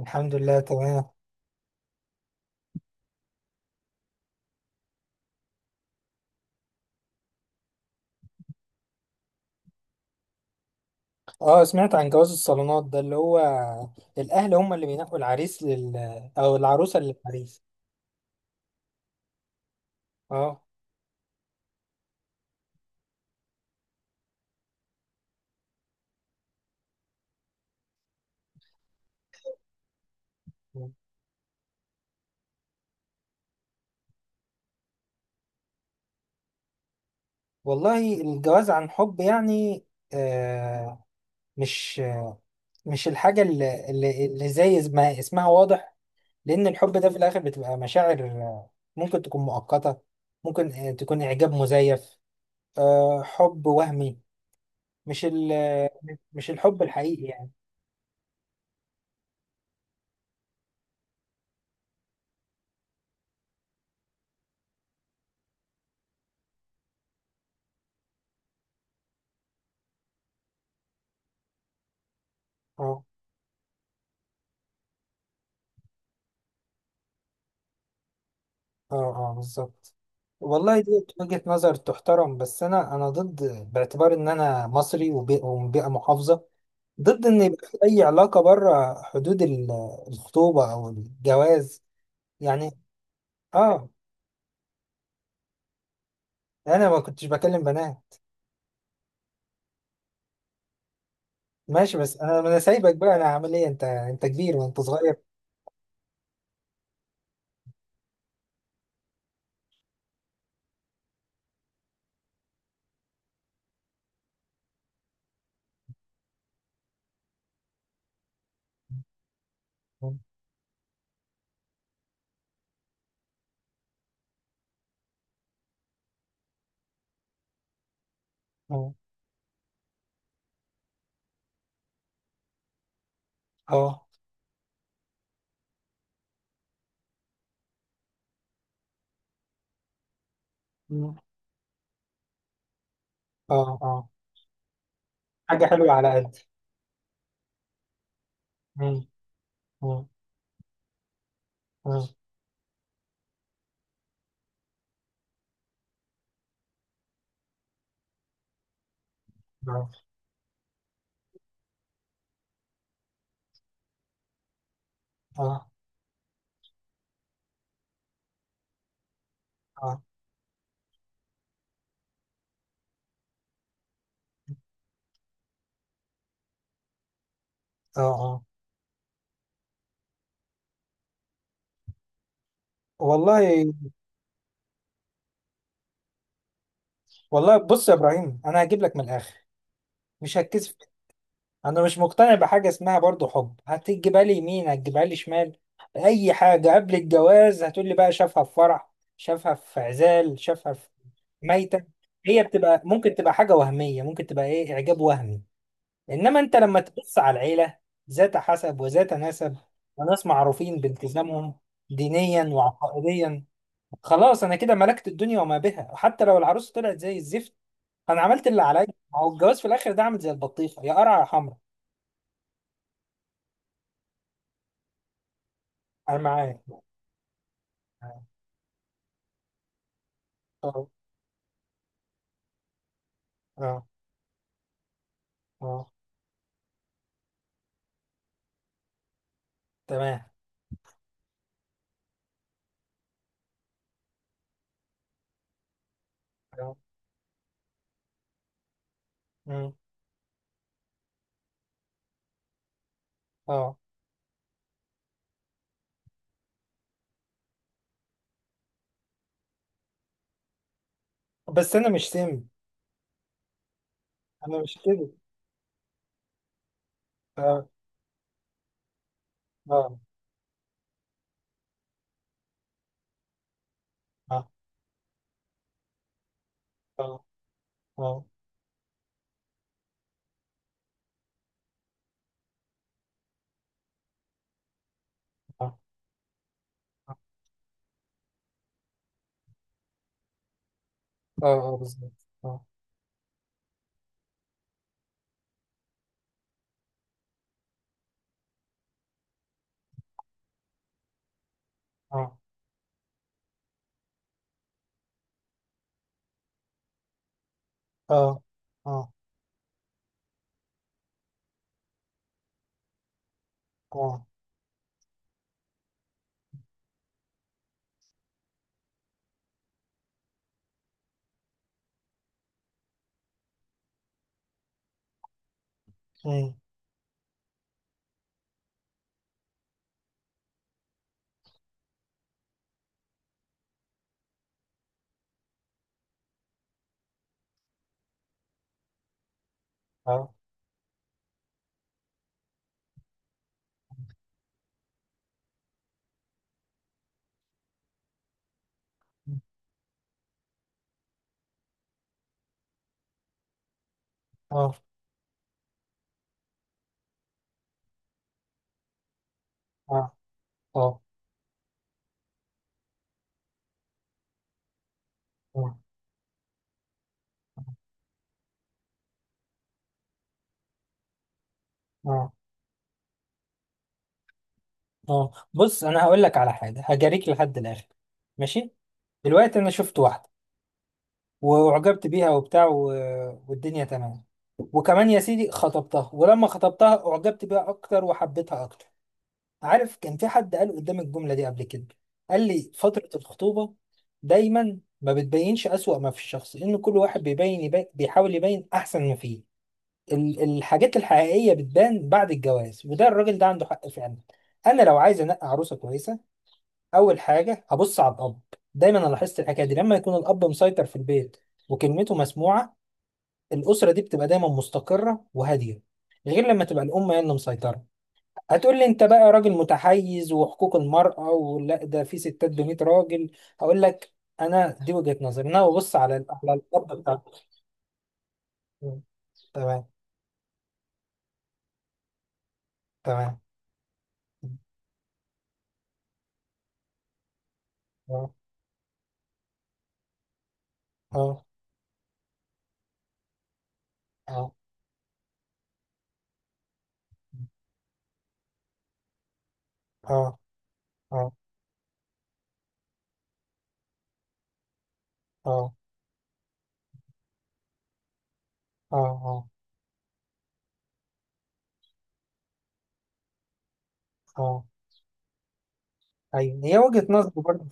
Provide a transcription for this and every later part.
الحمد لله، تمام. اه، سمعت عن جواز الصالونات ده اللي هو الاهل هم اللي بينقوا العريس او العروسه للعريس. اه، والله الجواز عن حب يعني، آه مش مش الحاجه اللي زي ما اسمها واضح. لان الحب ده في الاخر بتبقى مشاعر، ممكن تكون مؤقته. ممكن تكون اعجاب مزيف، حب وهمي. مش ال مش الحب الحقيقي يعني. اه، اه، اه، بالظبط. والله دي وجهة نظر تحترم، بس انا ضد. باعتبار ان انا مصري ومن بيئة محافظة، ضد ان يبقى في اي علاقة بره حدود الخطوبة او الجواز يعني. اه، انا ما كنتش بكلم بنات. ماشي، بس انا سايبك بقى، انا هعمل ايه، انت كبير وانت صغير. اه، اه، اه، اه، حاجة حلوة على قدي. مم. مم. مم. اه، اه، اه، اه، آه. والله والله بص يا ابراهيم، انا هجيب لك من الاخر، مش هتكسف. انا مش مقتنع بحاجه اسمها برضو حب، هتجيبها لي يمين هتجيبها لي شمال. اي حاجه قبل الجواز هتقول لي بقى شافها في فرح، شافها في عزال، شافها في ميته. هي بتبقى ممكن تبقى حاجه وهميه، ممكن تبقى ايه، اعجاب وهمي. انما انت لما تبص على العيله، ذات حسب وذات نسب، وناس معروفين بالتزامهم دينيا وعقائديا، خلاص انا كده ملكت الدنيا وما بها. حتى لو العروسه طلعت زي الزفت، انا عملت اللي عليا. ما هو الجواز في الاخر ده عامل زي البطيخه، يا قرع يا حمرا. انا معاك. اه، اه، اه، آه، تمام. اه. مم. آه. بس انا مش سامي، انا مش كده. اه، اه، اه، اه، اه، اه، اه، آه، آه، آه، بالظبط. اه، اه، اه، اه، اه، مم، اه، اه، اه، اه، اه، اه، آه. بص، انا هقول لك على حاجه، هجاريك لحد الاخر. ماشي. دلوقتي انا شفت واحده، واعجبت بيها وبتاع، والدنيا تمام. وكمان يا سيدي خطبتها، ولما خطبتها اعجبت بيها اكتر وحبيتها اكتر. عارف، كان في حد قال قدام الجملة دي قبل كده، قال لي فترة الخطوبة دايما ما بتبينش أسوأ ما في الشخص، إن كل واحد بيبين بيحاول يبين أحسن ما فيه. الحاجات الحقيقية بتبان بعد الجواز، وده الراجل ده عنده حق فعلا. أنا لو عايز أنقي عروسة كويسة، أول حاجة هبص على الأب. دايما أنا لاحظت الحكاية دي، لما يكون الأب مسيطر في البيت وكلمته مسموعة، الاسره دي بتبقى دايما مستقره وهاديه، غير لما تبقى الام هي اللي مسيطره. هتقول لي انت بقى راجل متحيز وحقوق المراه، ولا ده في ستات ب 100 راجل. هقول لك، انا دي وجهه نظري، انا ببص على على الاب بتاع. مم. تمام. تمام. اه، اه، اه، اه، اه، اه، اه، اه، اه، ايوه، هي وجهه نظر برضه.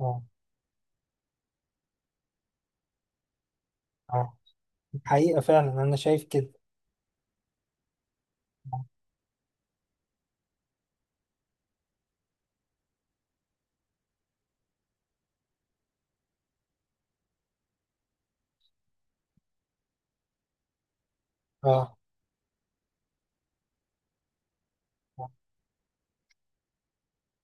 اه، اه، حقيقه، فعلا انا شايف كده. اه، آه.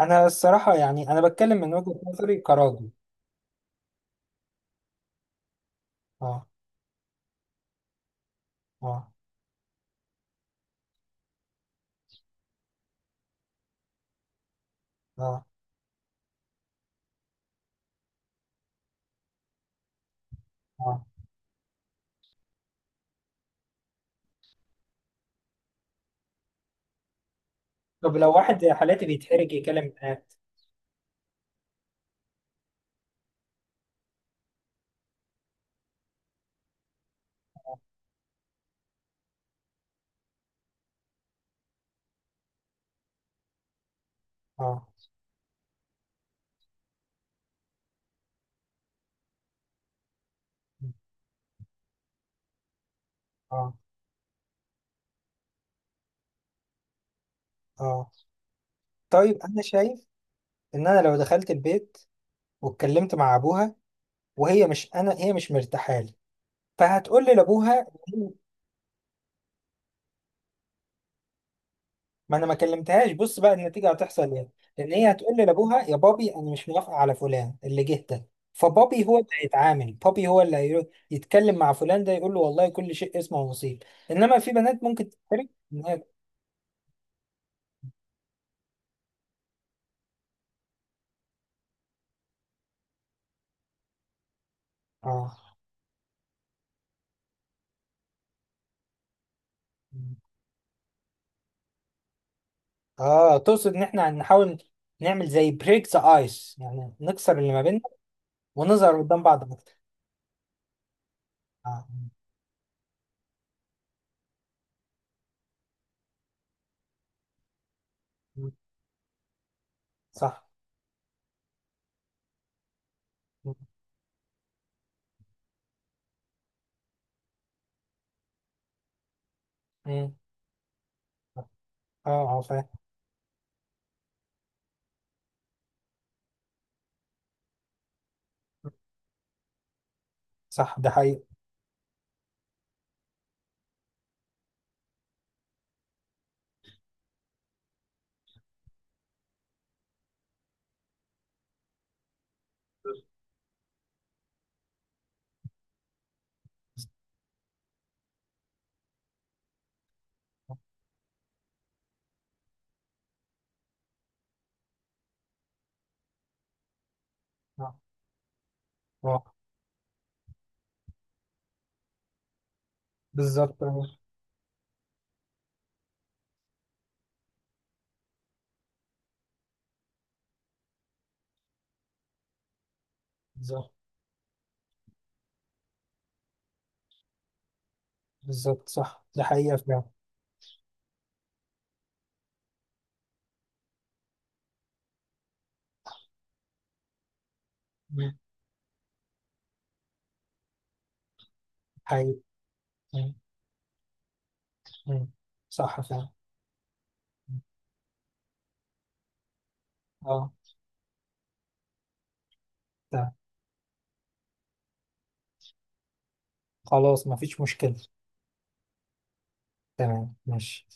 انا الصراحه يعني انا بتكلم من وجهه نظري كراجل. اه، اه، اه، اه. طب لو واحد زي حالاتي بيتحرج يكلم بنات. اه، اه، اه، اه. طيب انا شايف ان انا لو دخلت البيت واتكلمت مع ابوها، وهي مش، انا هي مش مرتاحه لي، فهتقول لي لابوها، ما انا ما كلمتهاش. بص بقى النتيجه هتحصل ايه، لان هي هتقول لي لابوها: يا بابي، انا مش موافقه على فلان اللي جه ده. فبابي هو اللي هيتعامل، بابي هو اللي يتكلم مع فلان ده، يقول له والله كل شيء اسمه ونصيب. انما في بنات ممكن تتحرج إن هي- اه، اه، تقصد ان احنا نحاول نعمل زي بريك ذا ايس، يعني نكسر اللي ما بيننا ونظهر قدام بعض اكتر. آه. م. صح. م. م. اه، اه، فاهم. صح، ده حقيقي. اه، آه. بالظبط. آه. بالظبط. بالظبط، صح، ده حقيقة فعلا. م. حقيقي. م. م. صح فعلا. م. اه، تمام. خلاص، مفيش مشكلة. تمام، ماشي.